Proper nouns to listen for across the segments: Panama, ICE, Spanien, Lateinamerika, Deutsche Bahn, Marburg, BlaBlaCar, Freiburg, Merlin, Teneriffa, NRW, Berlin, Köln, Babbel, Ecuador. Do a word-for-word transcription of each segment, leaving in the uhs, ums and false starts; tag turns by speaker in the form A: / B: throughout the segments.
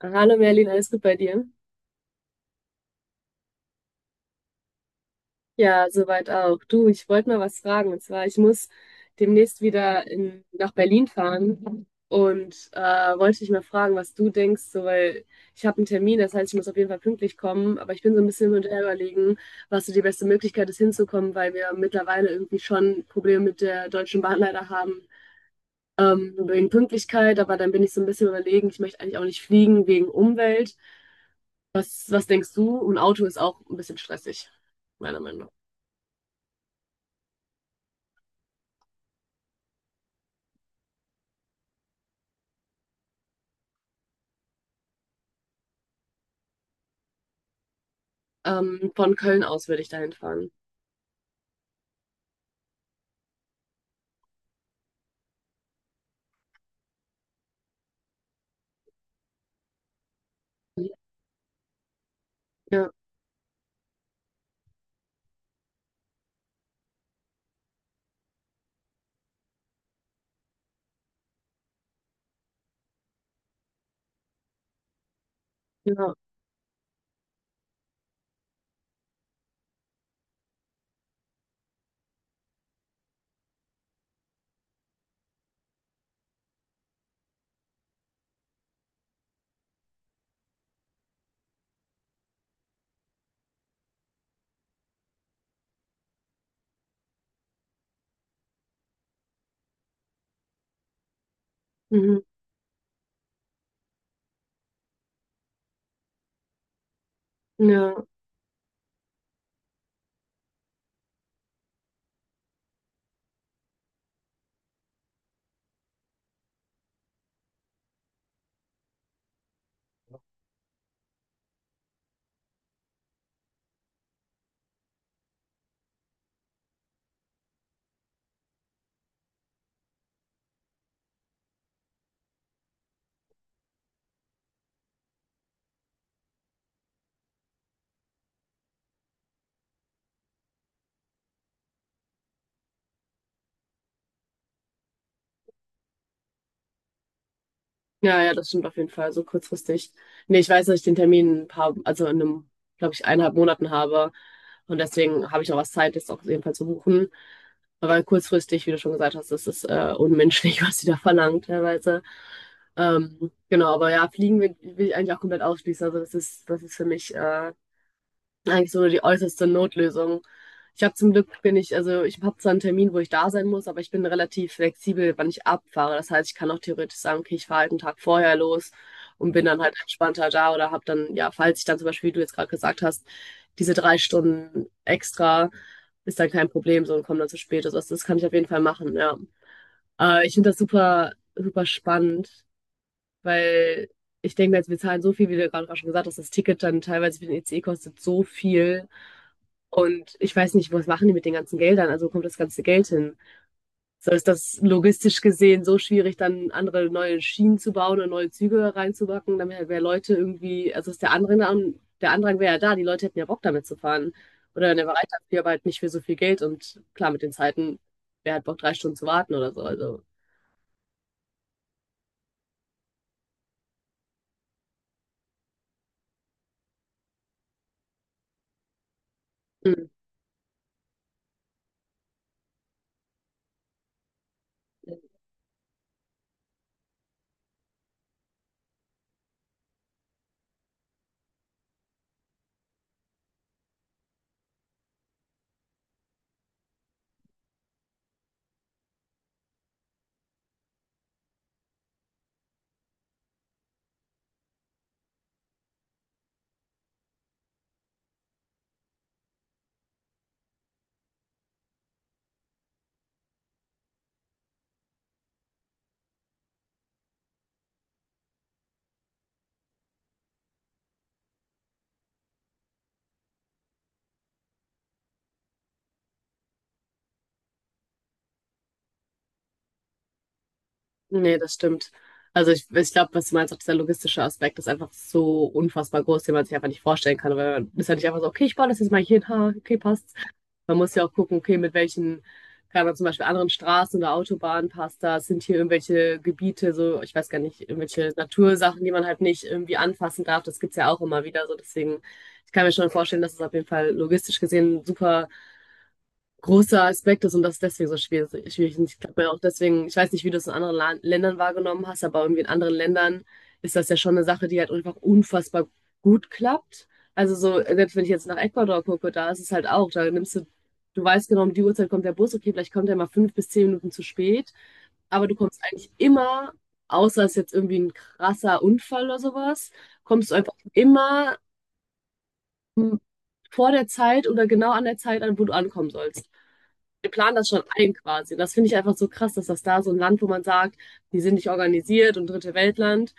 A: Hallo Merlin, alles gut bei dir? Ja, soweit auch. Du, ich wollte mal was fragen. Und zwar, ich muss demnächst wieder in, nach Berlin fahren und äh, wollte dich mal fragen, was du denkst, so, weil ich habe einen Termin, das heißt, ich muss auf jeden Fall pünktlich kommen, aber ich bin so ein bisschen hin und her überlegen, was so die beste Möglichkeit ist, hinzukommen, weil wir mittlerweile irgendwie schon Probleme mit der Deutschen Bahn leider haben. Ähm, wegen Pünktlichkeit, aber dann bin ich so ein bisschen überlegen, ich möchte eigentlich auch nicht fliegen wegen Umwelt. Was, was denkst du? Und Auto ist auch ein bisschen stressig, meiner Meinung nach. Ähm, von Köln aus würde ich dahin fahren. Ja, ja, mhm, ja. Ja, ja, das stimmt auf jeden Fall, so kurzfristig. Nee, ich weiß, dass ich den Termin in ein paar, also in einem, glaube ich, eineinhalb Monaten habe. Und deswegen habe ich noch was Zeit, jetzt auch auf jeden Fall zu buchen. Aber kurzfristig, wie du schon gesagt hast, das ist äh, unmenschlich, was sie da verlangen teilweise. Ähm, genau, aber ja, Fliegen will, will ich eigentlich auch komplett ausschließen. Also das ist, das ist für mich äh, eigentlich so die äußerste Notlösung. Ich habe zum Glück bin ich, also ich habe zwar einen Termin, wo ich da sein muss, aber ich bin relativ flexibel, wann ich abfahre. Das heißt, ich kann auch theoretisch sagen, okay, ich fahre halt einen Tag vorher los und bin dann halt entspannter da oder habe dann, ja, falls ich dann zum Beispiel, wie du jetzt gerade gesagt hast, diese drei Stunden extra, ist dann kein Problem so und komme dann zu spät. Also das, das kann ich auf jeden Fall machen, ja. Äh, ich finde das super, super spannend. Weil ich denke mir jetzt, wir zahlen so viel, wie du ja gerade auch schon gesagt hast, das Ticket dann teilweise für den I C E kostet so viel. Und ich weiß nicht, was machen die mit den ganzen Geldern? Also wo kommt das ganze Geld hin? So ist das logistisch gesehen so schwierig, dann andere neue Schienen zu bauen und neue Züge reinzubacken, damit halt mehr Leute irgendwie, also ist der Andrang, der Andrang wäre ja da, die Leute hätten ja Bock damit zu fahren. Oder der Bereitschaft, dafür, aber halt nicht für so viel Geld und klar, mit den Zeiten, wer hat Bock, drei Stunden zu warten oder so. Also, mm. Nee, das stimmt. Also ich, ich glaube, was du meinst, auch dieser logistische Aspekt ist einfach so unfassbar groß, den man sich einfach nicht vorstellen kann. Weil man ist ja nicht einfach so, okay, ich baue das jetzt mal hier hin, ha, okay, passt. Man muss ja auch gucken, okay, mit welchen, kann man zum Beispiel anderen Straßen oder Autobahnen passt das, sind hier irgendwelche Gebiete, so, ich weiß gar nicht, irgendwelche Natursachen, die man halt nicht irgendwie anfassen darf. Das gibt's ja auch immer wieder so. Deswegen, ich kann mir schon vorstellen, dass es auf jeden Fall logistisch gesehen super großer Aspekt ist und das ist deswegen so schwierig schwierig ist. Ich glaube ja auch deswegen, ich weiß nicht, wie du es in anderen La Ländern wahrgenommen hast, aber irgendwie in anderen Ländern ist das ja schon eine Sache, die halt einfach unfassbar gut klappt. Also so, selbst wenn ich jetzt nach Ecuador gucke, da ist es halt auch, da nimmst du, du weißt genau, um die Uhrzeit kommt der Bus, okay, vielleicht kommt er mal fünf bis zehn Minuten zu spät, aber du kommst eigentlich immer, außer es ist jetzt irgendwie ein krasser Unfall oder sowas, kommst du einfach immer m, vor der Zeit oder genau an der Zeit an, wo du ankommen sollst, die planen das schon ein quasi. Und das finde ich einfach so krass, dass das da so ein Land, wo man sagt, die sind nicht organisiert und Dritte Weltland,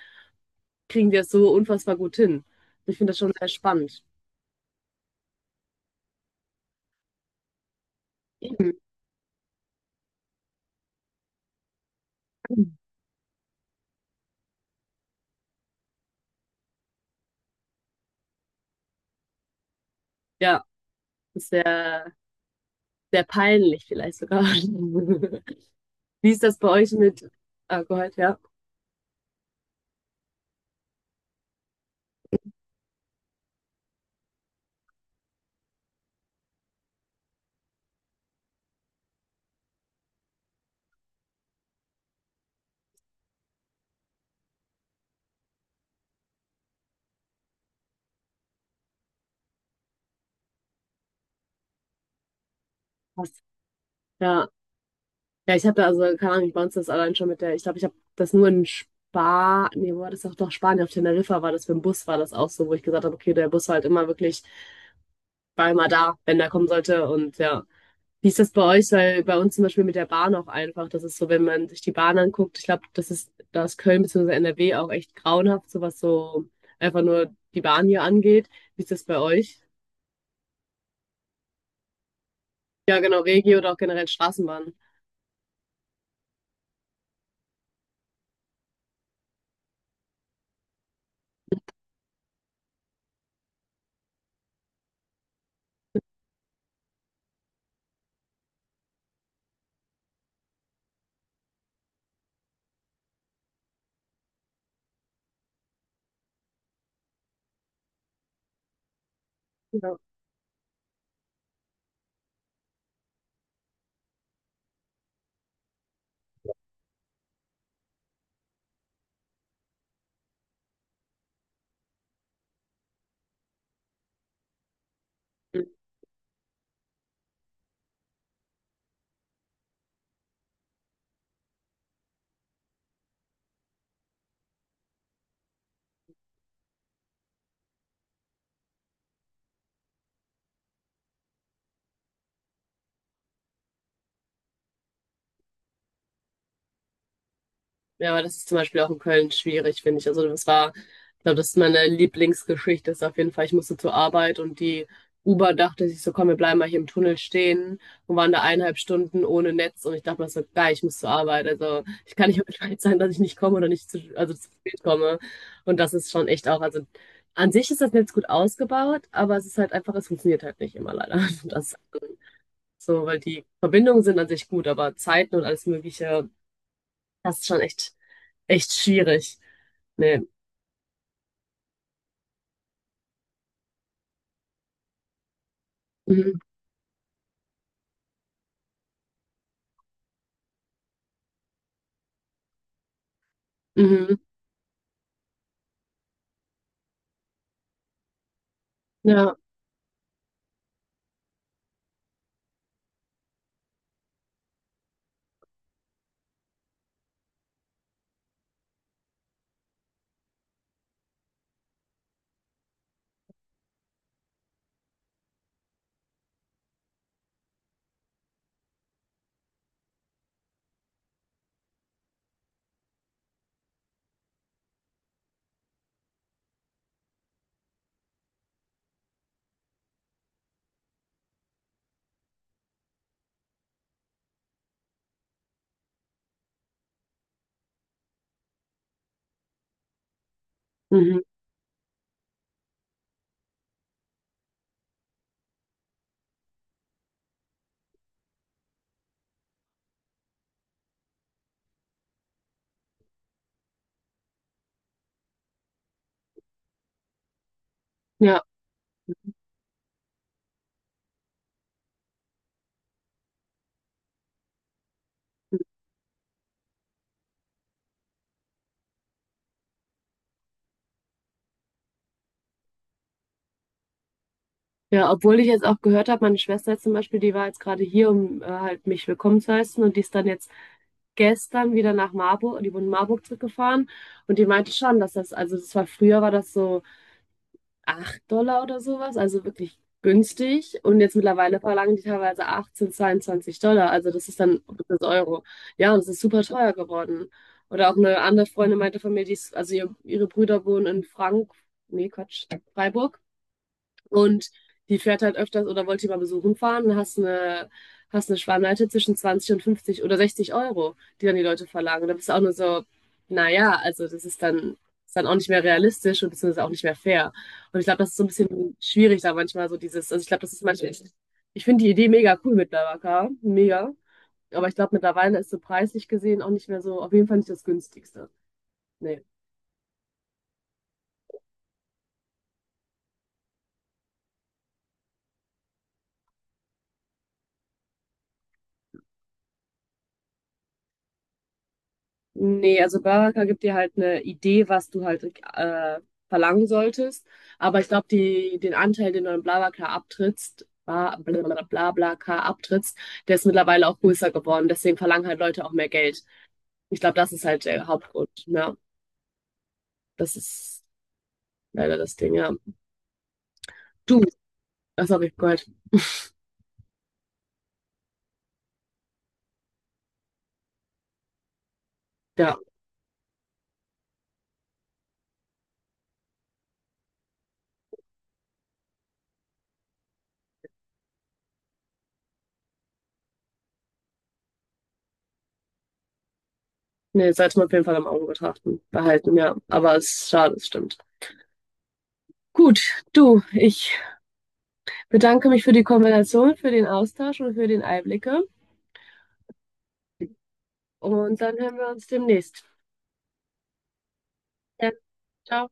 A: kriegen die das so unfassbar gut hin. Ich finde das schon sehr spannend. Eben. Ja, das ist sehr, sehr peinlich vielleicht sogar. Wie ist das bei euch mit Alkohol? Ja, passt. Ja, ja, ich habe da also, keine Ahnung, ich bei uns das allein schon mit der, ich glaube, ich habe das nur in Spa, nee, wo war das doch, doch Spanien, auf Teneriffa war das, für den Bus war das auch so, wo ich gesagt habe, okay, der Bus war halt immer wirklich, war immer da, wenn der kommen sollte und ja. Wie ist das bei euch? Weil bei uns zum Beispiel mit der Bahn auch einfach, das ist so, wenn man sich die Bahn anguckt, ich glaube, das ist, da ist Köln bzw. N R W auch echt grauenhaft, so was so einfach nur die Bahn hier angeht. Wie ist das bei euch? Ja, genau, Regi oder auch generell Straßenbahn. Ja. Ja, aber das ist zum Beispiel auch in Köln schwierig, finde ich. Also das war, ich glaube, das ist meine Lieblingsgeschichte, ist auf jeden Fall, ich musste zur Arbeit und die Uber dachte sich so, komm, wir bleiben mal hier im Tunnel stehen und waren da eineinhalb Stunden ohne Netz und ich dachte mir so, geil, ich muss zur Arbeit. Also ich kann nicht bescheid sein, dass ich nicht komme oder nicht zu, also zu spät komme. Und das ist schon echt auch, also an sich ist das Netz gut ausgebaut, aber es ist halt einfach, es funktioniert halt nicht immer leider. Und das ist so, weil die Verbindungen sind an sich gut, aber Zeiten und alles Mögliche, das ist schon echt, echt schwierig. Nee. Mhm. Mhm. Ja. Mhm. Ja. Ja, obwohl ich jetzt auch gehört habe, meine Schwester jetzt zum Beispiel, die war jetzt gerade hier, um äh, halt mich willkommen zu heißen und die ist dann jetzt gestern wieder nach Marburg, die wurde in Marburg zurückgefahren und die meinte schon, dass das, also das war früher war das so, Acht Dollar oder sowas, also wirklich günstig. Und jetzt mittlerweile verlangen die teilweise achtzehn, zweiundzwanzig Dollar, also das ist dann das Euro. Ja, und es ist super teuer geworden. Oder auch eine andere Freundin meinte von mir, die ist, also ihr, ihre Brüder wohnen in Frank, nee, Quatsch, Freiburg. Und die fährt halt öfters oder wollte die mal besuchen fahren und hast eine, hast eine Schwarmleite zwischen zwanzig und fünfzig oder sechzig Euro, die dann die Leute verlangen. Da bist du auch nur so, naja, also das ist dann, ist dann auch nicht mehr realistisch und beziehungsweise auch nicht mehr fair. Und ich glaube, das ist so ein bisschen schwierig da manchmal so dieses, also ich glaube, das ist manchmal, ich finde die Idee mega cool mit Lavaka, mega. Aber ich glaube, mittlerweile ist so preislich gesehen auch nicht mehr so, auf jeden Fall nicht das günstigste. Nee. Nee, also Baraka gibt dir halt eine Idee, was du halt äh, verlangen solltest. Aber ich glaube, die, den Anteil, den du in Blablacar abtrittst, Ba- blablabla- Blablacar abtrittst, der ist mittlerweile auch größer geworden. Deswegen verlangen halt Leute auch mehr Geld. Ich glaube, das ist halt der Hauptgrund. Ja, das ist leider das Ding, ja. Du, ach, sorry, Gott. Ja, nee, sollte man auf jeden Fall im Auge betrachten, behalten, ja. Aber es ist schade, es stimmt. Gut, du, ich bedanke mich für die Kombination, für den Austausch und für den Einblicke. Und dann hören wir uns demnächst. Ja, ciao.